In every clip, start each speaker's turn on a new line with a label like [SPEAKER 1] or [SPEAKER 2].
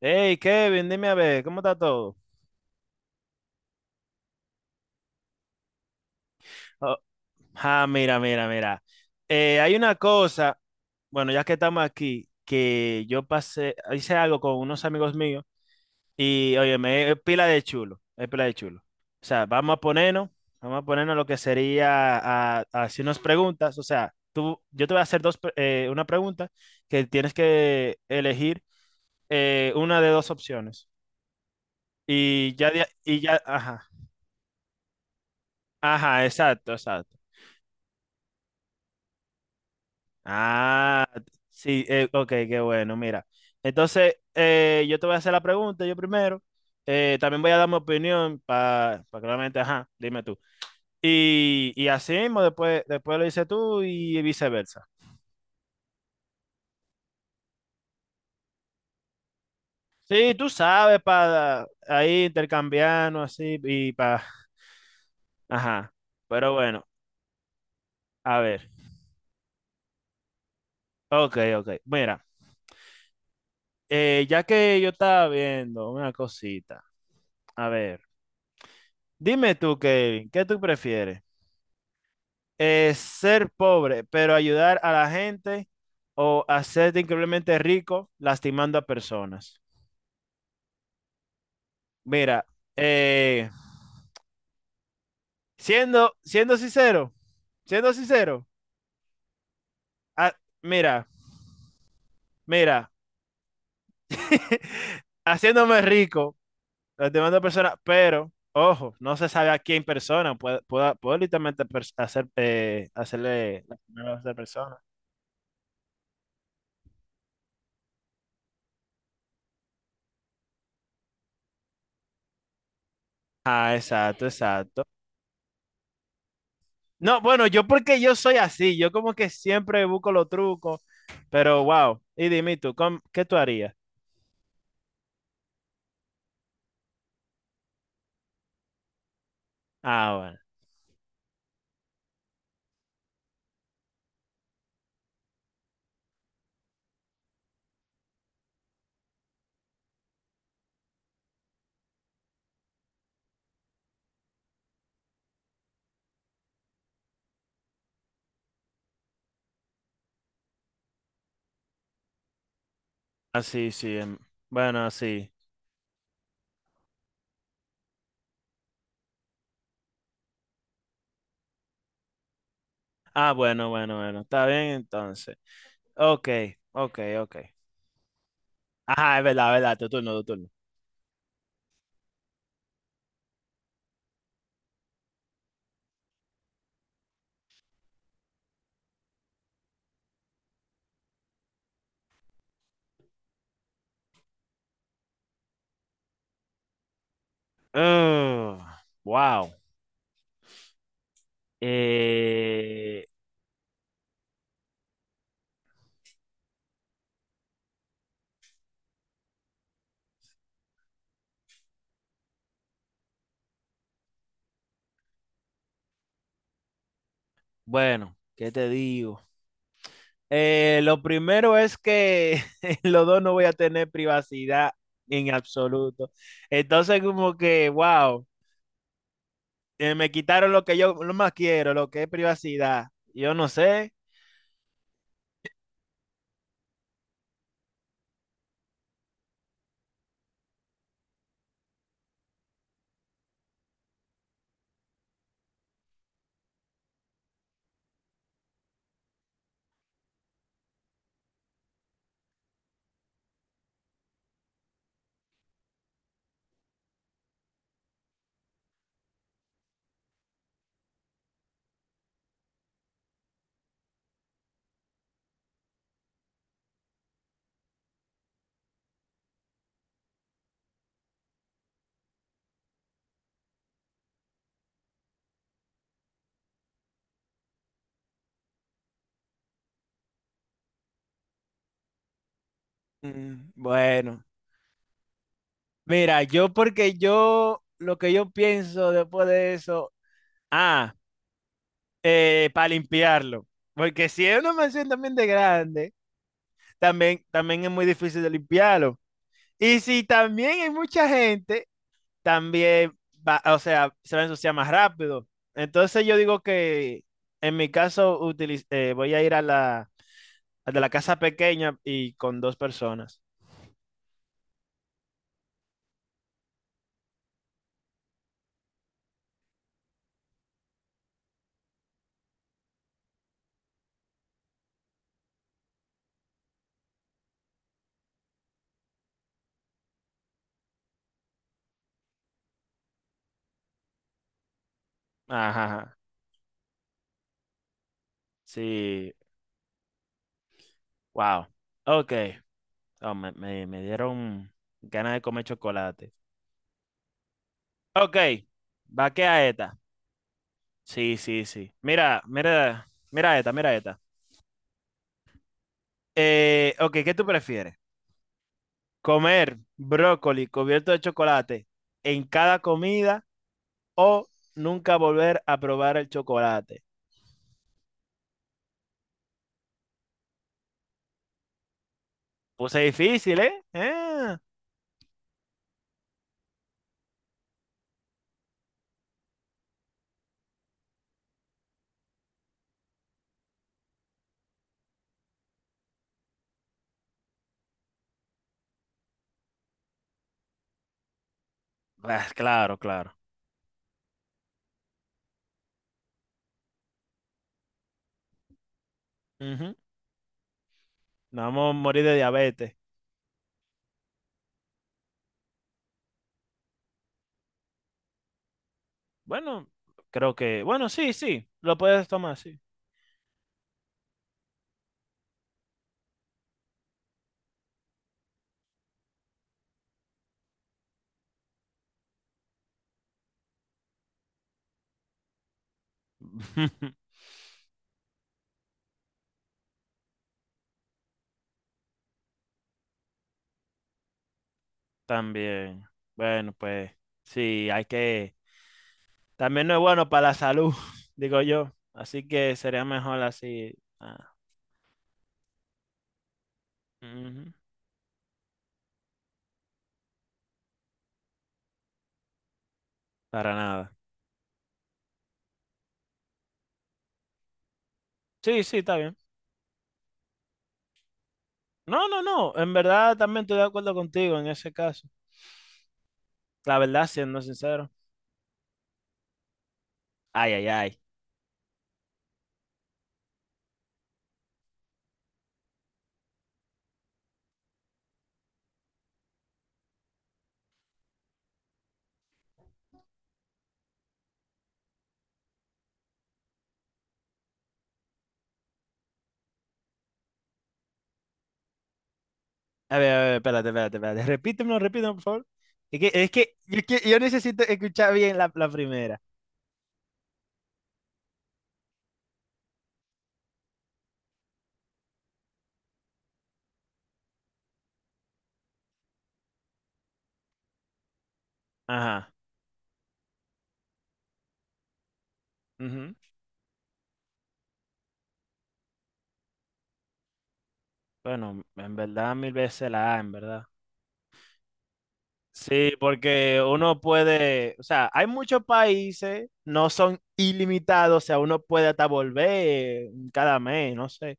[SPEAKER 1] Hey, Kevin, dime a ver, ¿cómo está todo? Oh, ah, mira, mira, mira. Hay una cosa, bueno, ya que estamos aquí, que yo pasé, hice algo con unos amigos míos y, oye, me es pila de chulo, es pila de chulo. O sea, vamos a ponernos lo que sería a hacernos preguntas. O sea, tú, yo te voy a hacer una pregunta que tienes que elegir una de dos opciones. Y ya, y ya, ajá, ajá, exacto, exacto. Ah, sí, ok, qué bueno, mira. Entonces, yo te voy a hacer la pregunta, yo primero. También voy a dar mi opinión para pa ajá, dime tú. Y así mismo, después lo dices tú y viceversa. Sí, tú sabes, para ahí intercambiarnos así y para, ajá. Pero bueno, a ver. Ok, ok. Mira, ya que yo estaba viendo una cosita, a ver, dime tú, Kevin, ¿qué tú prefieres? Ser pobre, pero ayudar a la gente, o hacerte increíblemente rico lastimando a personas. Mira, eh, siendo, siendo sincero, siendo sincero, ah, mira, mira, haciéndome rico lastimando a personas, pero ojo, no se sabe a quién persona, puede literalmente hacerle lastimar a esa persona. Ah, exacto, exacto. No, bueno, yo porque yo soy así, yo como que siempre busco los trucos, pero wow. Y dime tú, ¿qué tú harías? Ah, bueno, así, sí, sí, bueno, así. Ah, bueno, bueno, bueno, está bien entonces. Ok, ok, ok. Ajá, es verdad, tu turno, tu turno. Ugh, wow. Eh, bueno, ¿qué te digo? Lo primero es que los dos no voy a tener privacidad en absoluto. Entonces, como que, wow. Me quitaron lo que yo lo más quiero, lo que es privacidad. Yo no sé. Mm, bueno, mira, yo porque yo lo que yo pienso después de eso, ah, para limpiarlo, porque si es una mansión también de grande, también es muy difícil de limpiarlo. Y si también hay mucha gente, también va, o sea, se va a ensuciar más rápido. Entonces yo digo que en mi caso voy a ir a la el de la casa pequeña y con dos personas. Ajá, ajá. Sí, wow. Ok. Oh, me dieron ganas de comer chocolate. Ok, va que a esta. Sí, sí, sí. Mira, mira, mira esta, mira esta. Ok, ¿qué tú prefieres? ¿Comer brócoli cubierto de chocolate en cada comida o nunca volver a probar el chocolate? Puse difícil, ¿eh? Ah, pues, claro, claro. Ujú. Nos vamos a morir de diabetes. Bueno, creo que, bueno, sí, sí, lo puedes tomar, sí. También. Bueno, pues sí, hay que, también no es bueno para la salud, digo yo. Así que sería mejor así. Ah, ujú, para nada. Sí, sí, está bien. No, no, no. En verdad también estoy de acuerdo contigo en ese caso. La verdad, siendo sincero. Ay, ay, ay. A ver, espérate, espérate, espérate. Repítemelo, repítemelo, por favor. Yo necesito escuchar bien la primera. Ajá. Ujú. Bueno, en verdad mil veces la A, en verdad. Sí, porque uno puede, o sea, hay muchos países, no son ilimitados, o sea, uno puede hasta volver cada mes, no sé.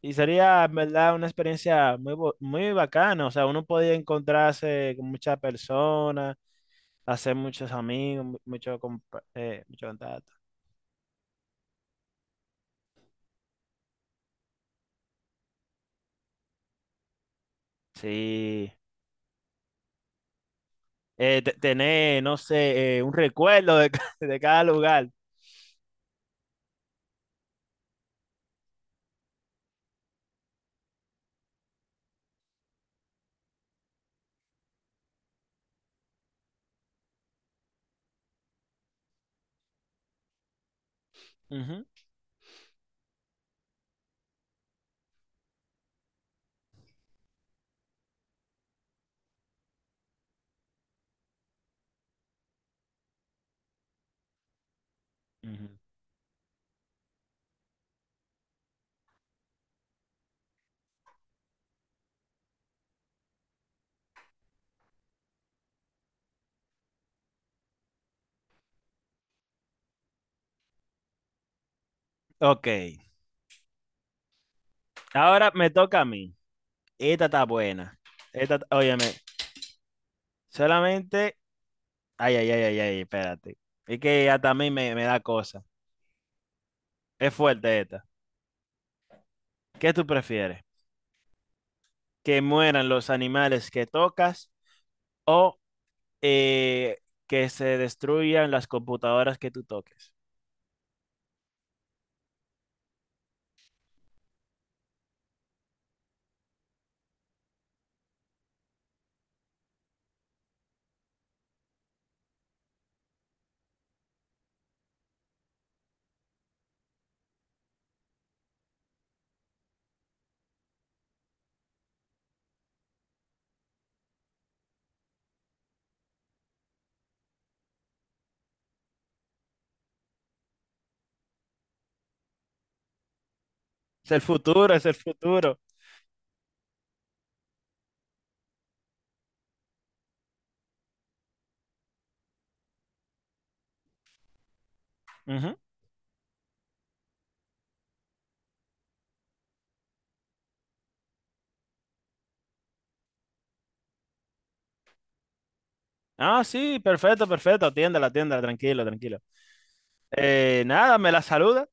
[SPEAKER 1] Y sería, en verdad, una experiencia muy bacana, o sea, uno podía encontrarse con muchas personas, hacer muchos amigos, mucho, mucho contacto. Sí, eh, tener, no sé, un recuerdo de, ca- de cada lugar. Ujú, ujú. Ok. Ahora me toca a mí. Esta está buena. Esta, t- óyeme, solamente. Ay, ay, ay, ay, ay, espérate. Es que hasta a mí me, me da cosa. Es fuerte esta. ¿Qué tú prefieres? ¿Que mueran los animales que tocas o eh, que se destruyan las computadoras que tú toques? Es el futuro, es el futuro. Ujú. Ah, sí, perfecto, perfecto. Atiéndela, atiéndela, tranquilo, tranquilo. Nada, me la saluda.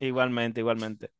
[SPEAKER 1] Igualmente, igualmente.